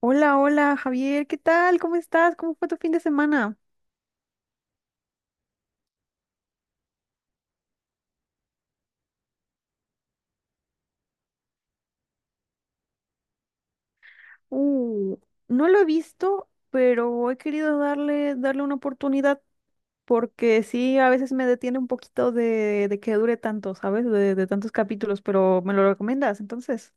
Hola, hola Javier, ¿qué tal? ¿Cómo estás? ¿Cómo fue tu fin de semana? Uh, no lo he visto, pero he querido darle una oportunidad porque sí, a veces me detiene un poquito de que dure tanto, ¿sabes? De tantos capítulos, pero me lo recomiendas, entonces.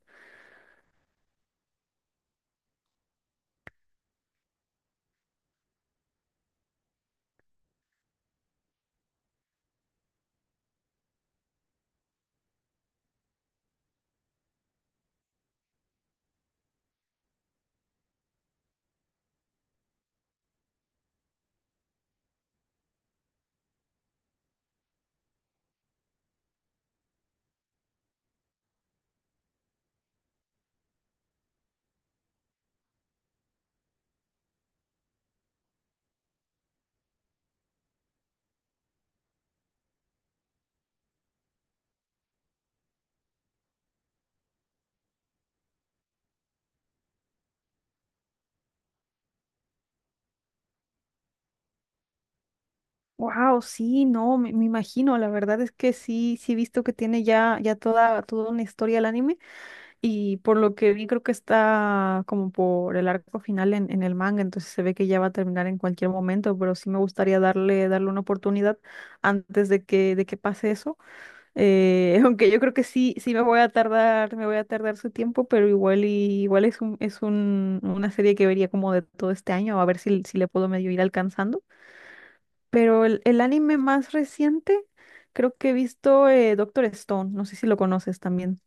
Wow, sí, no, me imagino, la verdad es que sí, sí he visto que tiene ya toda una historia el anime. Y por lo que vi, creo que está como por el arco final en el manga, entonces se ve que ya va a terminar en cualquier momento, pero sí me gustaría darle una oportunidad antes de de que pase eso. Aunque yo creo que sí, sí me voy a tardar, me voy a tardar su tiempo, pero igual es una serie que vería como de todo este año, a ver si, si le puedo medio ir alcanzando. Pero el anime más reciente, creo que he visto Doctor Stone, no sé si lo conoces también.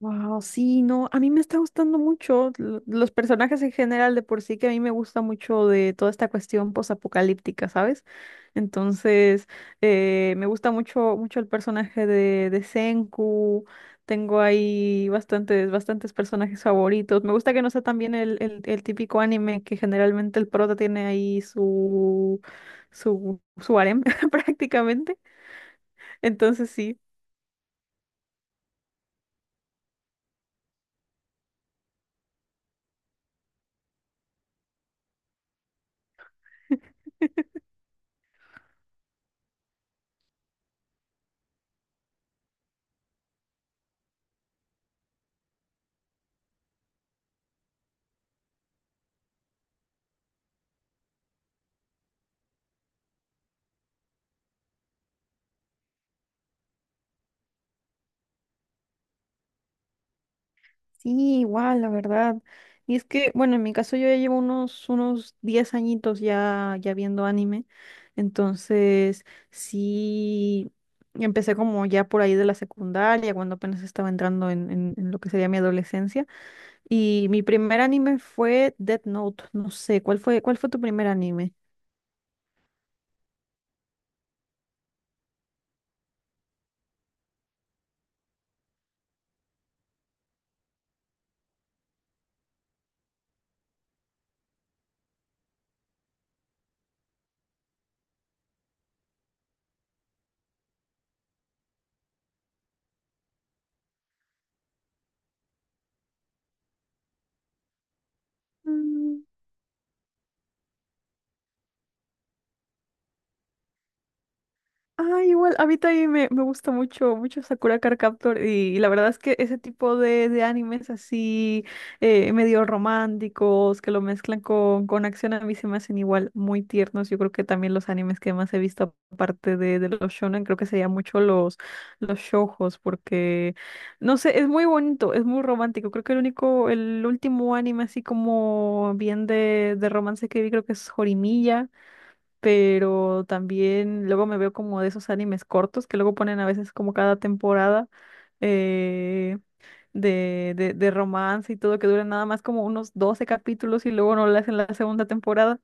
Wow, sí, no, a mí me está gustando mucho los personajes en general, de por sí que a mí me gusta mucho de toda esta cuestión posapocalíptica, ¿sabes? Entonces, me gusta mucho mucho el personaje de Senku. Tengo ahí bastantes bastantes personajes favoritos. Me gusta que no sea también el típico anime que generalmente el prota tiene ahí su su harem prácticamente. Entonces, sí. Sí, igual, la verdad. Y es que, bueno, en mi caso yo ya llevo unos, unos 10 añitos ya, ya viendo anime. Entonces, sí, empecé como ya por ahí de la secundaria, cuando apenas estaba entrando en lo que sería mi adolescencia. Y mi primer anime fue Death Note. No sé, cuál fue tu primer anime? Ah, igual, a mí también me gusta mucho, mucho Sakura Card Captor y, la verdad es que ese tipo de animes así, medio románticos, que lo mezclan con acción, a mí se me hacen igual muy tiernos. Yo creo que también los animes que más he visto, aparte de los shonen, creo que serían mucho los shoujos, porque, no sé, es muy bonito, es muy romántico. Creo que el único, el último anime así como bien de romance que vi creo que es Horimiya, pero también luego me veo como de esos animes cortos que luego ponen a veces como cada temporada, eh, de romance y todo, que duran nada más como unos 12 capítulos y luego no lo hacen la segunda temporada.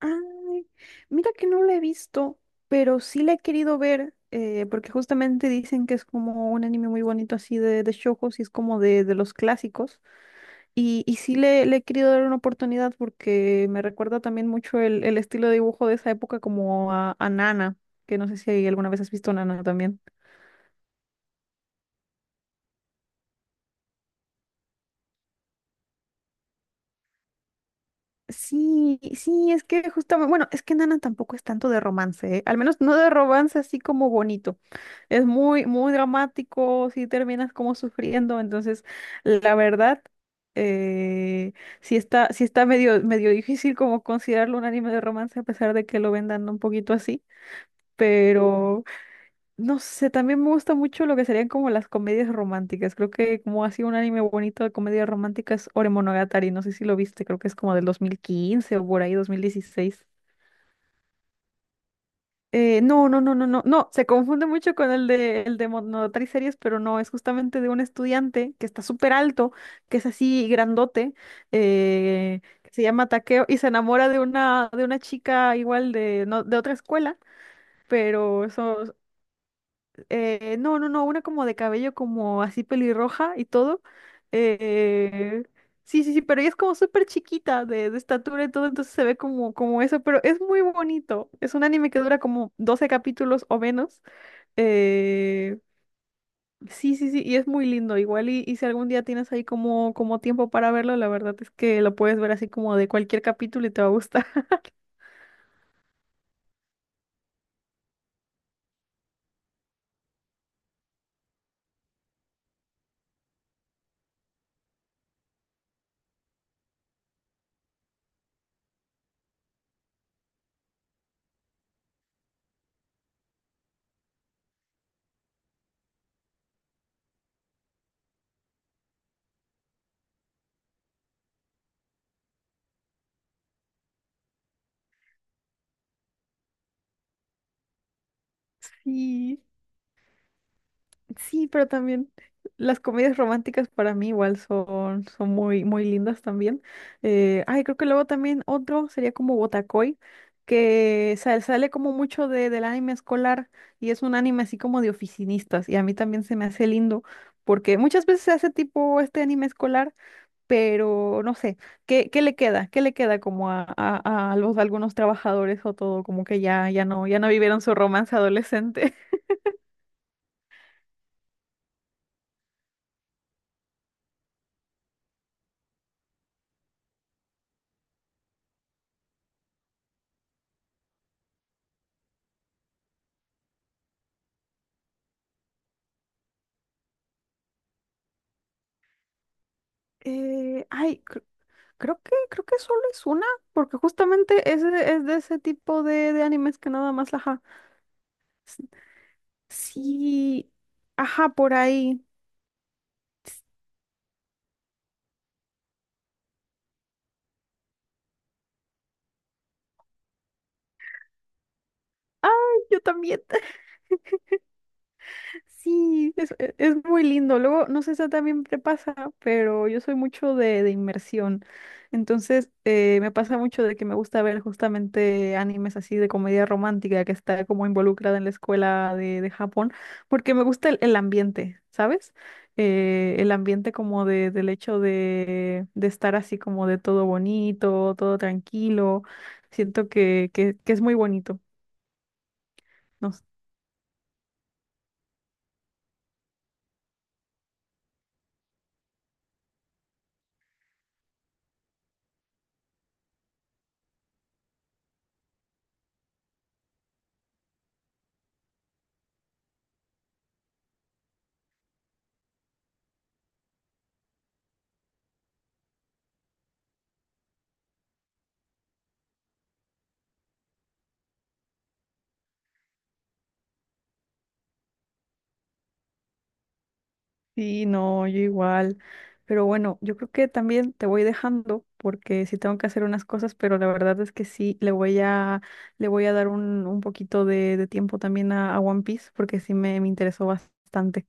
Ay, mira que no la he visto, pero sí la he querido ver, porque justamente dicen que es como un anime muy bonito así de shoujos y es como de los clásicos. Y sí le he querido dar una oportunidad porque me recuerda también mucho el estilo de dibujo de esa época como a Nana, que no sé si alguna vez has visto Nana también. Sí, sí, es que justamente, bueno, es que Nana tampoco es tanto de romance, ¿eh? Al menos no de romance así como bonito. Es muy, muy dramático, si terminas como sufriendo, entonces la verdad, eh, sí está medio, medio difícil como considerarlo un anime de romance a pesar de que lo vendan un poquito así. Pero no sé, también me gusta mucho lo que serían como las comedias románticas. Creo que como ha sido un anime bonito de comedias románticas, Ore Monogatari, no sé si lo viste, creo que es como del 2015 o por ahí 2016. No, no, no, no, no, no, se confunde mucho con el de Monogatari series, pero no, es justamente de un estudiante que está súper alto, que es así grandote, que se llama Takeo y se enamora de una chica igual de, no, de otra escuela, pero eso. No, no, no, una como de cabello como así pelirroja y todo. Eh, sí, sí, sí, pero ella es como súper chiquita de estatura y todo, entonces se ve como, como eso, pero es muy bonito. Es un anime que dura como 12 capítulos o menos. Eh, sí, sí, sí, y es muy lindo. Igual y si algún día tienes ahí como, como tiempo para verlo, la verdad es que lo puedes ver así como de cualquier capítulo y te va a gustar. Sí. Sí, pero también las comedias románticas para mí igual son, son muy, muy lindas también. Ay, creo que luego también otro sería como Botacoy, que sale como mucho del anime escolar y es un anime así como de oficinistas y a mí también se me hace lindo porque muchas veces se hace tipo este anime escolar, pero no sé, ¿qué, qué le queda? ¿Qué le queda como a los, algunos trabajadores o todo? Como que ya, ya no, ya no vivieron su romance adolescente. Ay, creo que, creo que solo es una, porque justamente es, es de ese tipo de animes que nada más, ajá. s- Sí, ajá, por ahí. Yo también. Sí, es muy lindo. Luego, no sé si también te pasa, pero yo soy mucho de inmersión. Entonces, me pasa mucho de que me gusta ver justamente animes así de comedia romántica que está como involucrada en la escuela de Japón, porque me gusta el ambiente, ¿sabes? El ambiente como del hecho de estar así como de todo bonito, todo tranquilo. Siento que es muy bonito. No. Sí, no, yo igual. Pero bueno, yo creo que también te voy dejando porque sí tengo que hacer unas cosas, pero la verdad es que sí, le voy le voy a dar un poquito de tiempo también a One Piece porque sí me interesó bastante.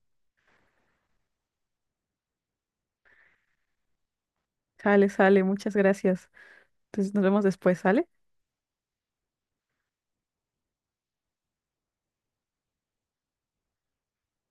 Sale, sale, muchas gracias. Entonces nos vemos después, ¿sale?